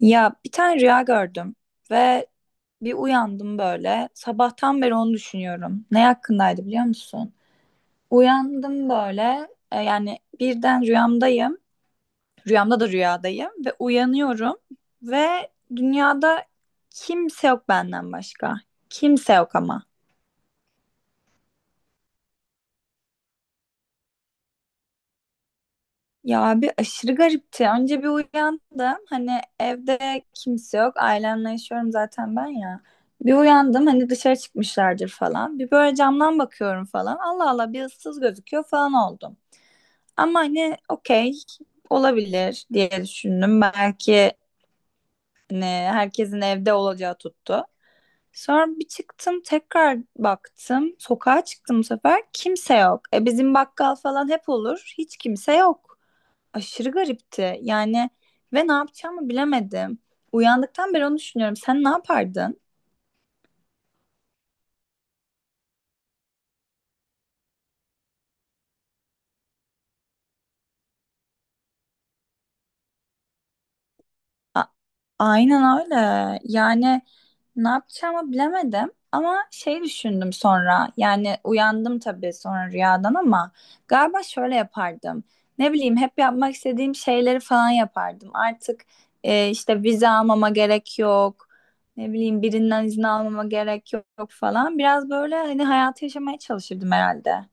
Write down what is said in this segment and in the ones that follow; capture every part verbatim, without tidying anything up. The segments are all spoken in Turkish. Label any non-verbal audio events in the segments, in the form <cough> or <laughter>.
Ya bir tane rüya gördüm ve bir uyandım böyle. Sabahtan beri onu düşünüyorum. Ne hakkındaydı biliyor musun? Uyandım böyle. e, yani birden rüyamdayım. Rüyamda da rüyadayım ve uyanıyorum ve dünyada kimse yok benden başka. Kimse yok ama. Ya bir aşırı garipti. Önce bir uyandım. Hani evde kimse yok. Ailemle yaşıyorum zaten ben ya. Bir uyandım hani dışarı çıkmışlardır falan. Bir böyle camdan bakıyorum falan. Allah Allah bir ıssız gözüküyor falan oldum. Ama hani okey olabilir diye düşündüm. Belki hani herkesin evde olacağı tuttu. Sonra bir çıktım tekrar baktım. Sokağa çıktım bu sefer. Kimse yok. E bizim bakkal falan hep olur. Hiç kimse yok aşırı garipti. Yani ve ne yapacağımı bilemedim. Uyandıktan beri onu düşünüyorum. Sen ne yapardın? A- Aynen öyle. Yani ne yapacağımı bilemedim. Ama şey düşündüm sonra. Yani uyandım tabii sonra rüyadan ama galiba şöyle yapardım. Ne bileyim hep yapmak istediğim şeyleri falan yapardım. Artık e, işte vize almama gerek yok. Ne bileyim birinden izin almama gerek yok falan. Biraz böyle hani hayatı yaşamaya çalışırdım herhalde.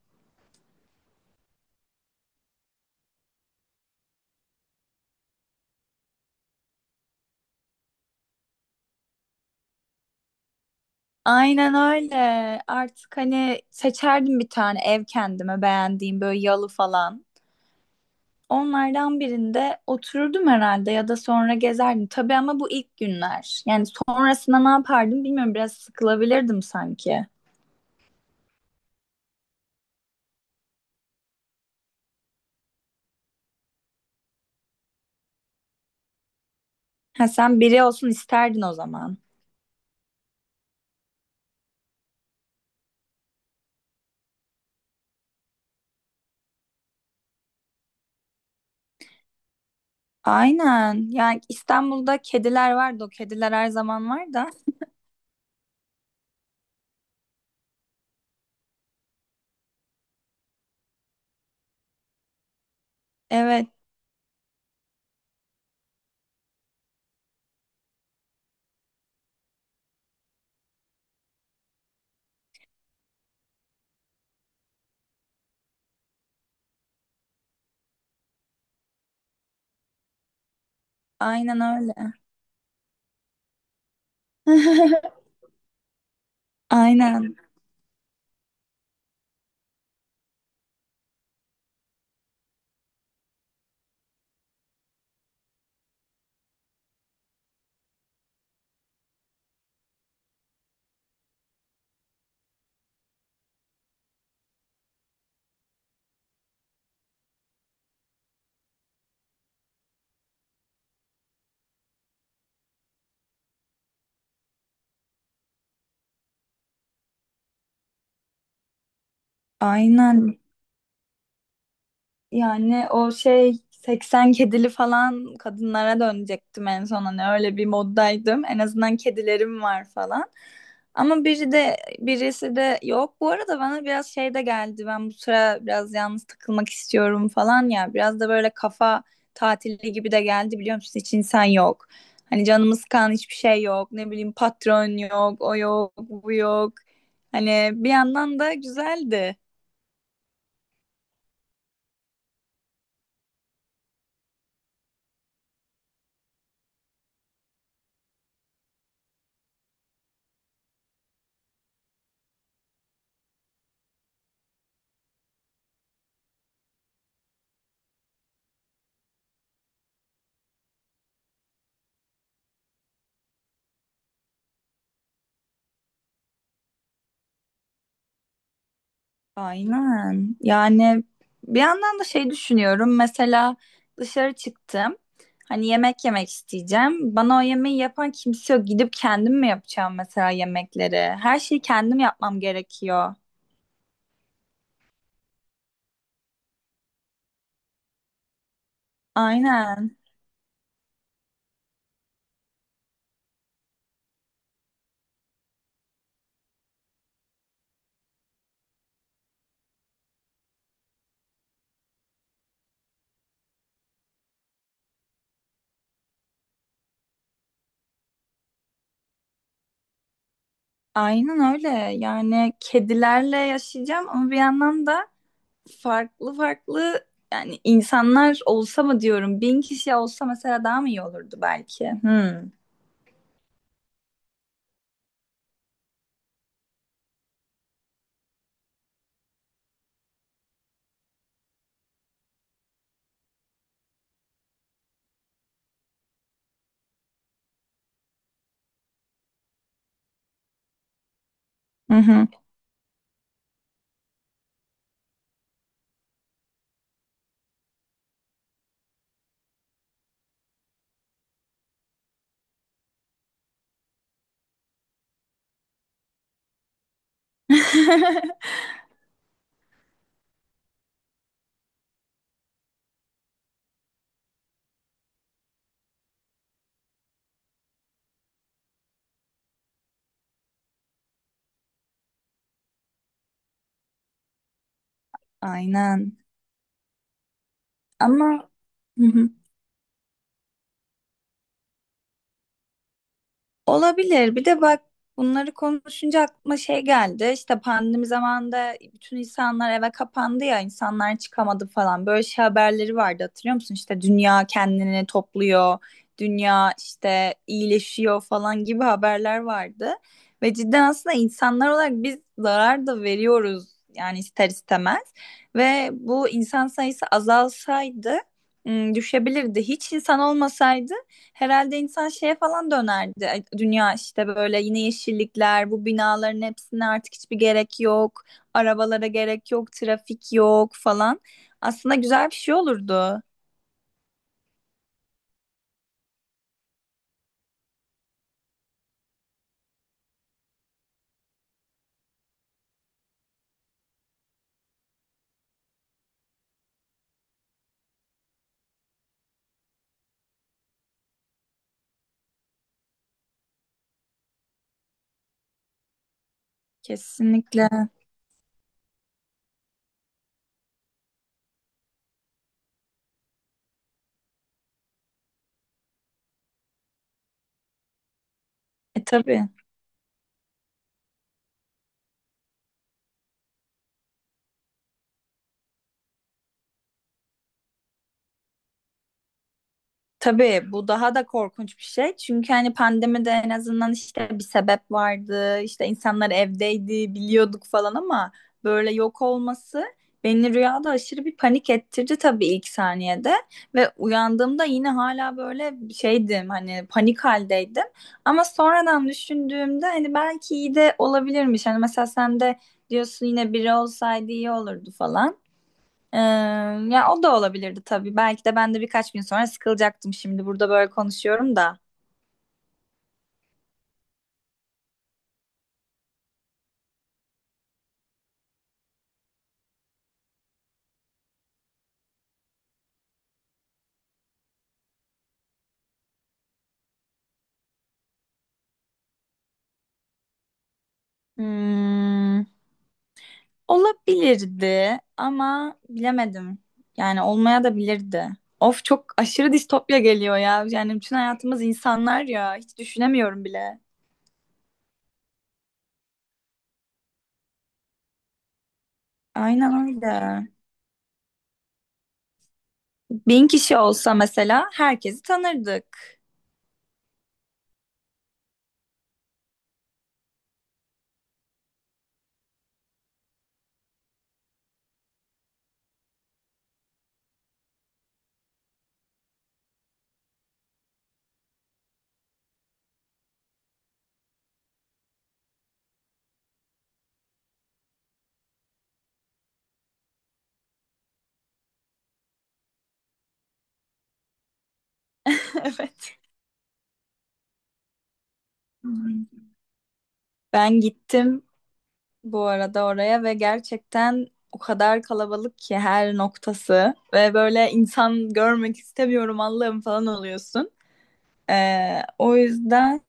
Aynen öyle. Artık hani seçerdim bir tane ev kendime beğendiğim böyle yalı falan. Onlardan birinde otururdum herhalde ya da sonra gezerdim. Tabii ama bu ilk günler. Yani sonrasında ne yapardım bilmiyorum. Biraz sıkılabilirdim sanki. Ha, sen biri olsun isterdin o zaman. Aynen. Yani İstanbul'da kediler vardı. O kediler her zaman var da. Evet. Aynen öyle. <laughs> Aynen. Aynen. Yani o şey seksen kedili falan kadınlara dönecektim en son hani öyle bir moddaydım. En azından kedilerim var falan. Ama biri de birisi de yok. Bu arada bana biraz şey de geldi. Ben bu sıra biraz yalnız takılmak istiyorum falan ya. Biraz da böyle kafa tatili gibi de geldi biliyor musun? Hiç insan yok. Hani canımız kan hiçbir şey yok. Ne bileyim patron yok, o yok, bu yok. Hani bir yandan da güzeldi. Aynen. Yani bir yandan da şey düşünüyorum. Mesela dışarı çıktım. Hani yemek yemek isteyeceğim. Bana o yemeği yapan kimse yok. Gidip kendim mi yapacağım mesela yemekleri? Her şeyi kendim yapmam gerekiyor. Aynen. Aynen öyle. Yani kedilerle yaşayacağım ama bir yandan da farklı farklı yani insanlar olsa mı diyorum. Bin kişi olsa mesela daha mı iyi olurdu belki? Hmm. Hı hı. <laughs> Aynen. Ama hı hı. Olabilir. Bir de bak bunları konuşunca aklıma şey geldi. İşte pandemi zamanında bütün insanlar eve kapandı ya, insanlar çıkamadı falan. Böyle şey haberleri vardı hatırlıyor musun? İşte dünya kendini topluyor, dünya işte iyileşiyor falan gibi haberler vardı. Ve cidden aslında insanlar olarak biz zarar da veriyoruz yani ister istemez. Ve bu insan sayısı azalsaydı ım, düşebilirdi. Hiç insan olmasaydı herhalde insan şeye falan dönerdi. Ay, dünya işte böyle yine yeşillikler, bu binaların hepsine artık hiçbir gerek yok. Arabalara gerek yok, trafik yok falan. Aslında güzel bir şey olurdu. Kesinlikle. E tabii. Tabii bu daha da korkunç bir şey. Çünkü hani pandemide en azından işte bir sebep vardı. İşte insanlar evdeydi, biliyorduk falan ama böyle yok olması beni rüyada aşırı bir panik ettirdi tabii ilk saniyede ve uyandığımda yine hala böyle şeydim hani panik haldeydim. Ama sonradan düşündüğümde hani belki iyi de olabilirmiş. Hani mesela sen de diyorsun yine biri olsaydı iyi olurdu falan. Ee, Ya o da olabilirdi tabii. Belki de ben de birkaç gün sonra sıkılacaktım şimdi burada böyle konuşuyorum da. Hmm, olabilirdi ama bilemedim. Yani olmaya da bilirdi. Of çok aşırı distopya geliyor ya. Yani bütün hayatımız insanlar ya. Hiç düşünemiyorum bile. Aynen öyle. Bin kişi olsa mesela herkesi tanırdık. <laughs> Evet. Hmm. Ben gittim bu arada oraya ve gerçekten o kadar kalabalık ki her noktası ve böyle insan görmek istemiyorum Allah'ım falan oluyorsun. Ee, o yüzden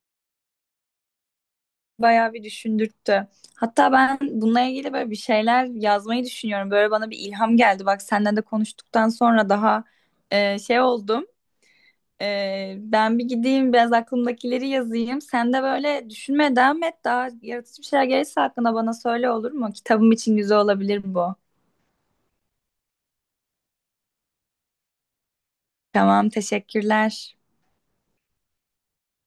bayağı bir düşündürttü. Hatta ben bununla ilgili böyle bir şeyler yazmayı düşünüyorum. Böyle bana bir ilham geldi. Bak senden de konuştuktan sonra daha e, şey oldum. Ee, ben bir gideyim biraz aklımdakileri yazayım. Sen de böyle düşünmeye devam et. Daha yaratıcı bir şeyler gelirse hakkında bana söyle olur mu? Kitabım için güzel olabilir bu. Tamam, teşekkürler.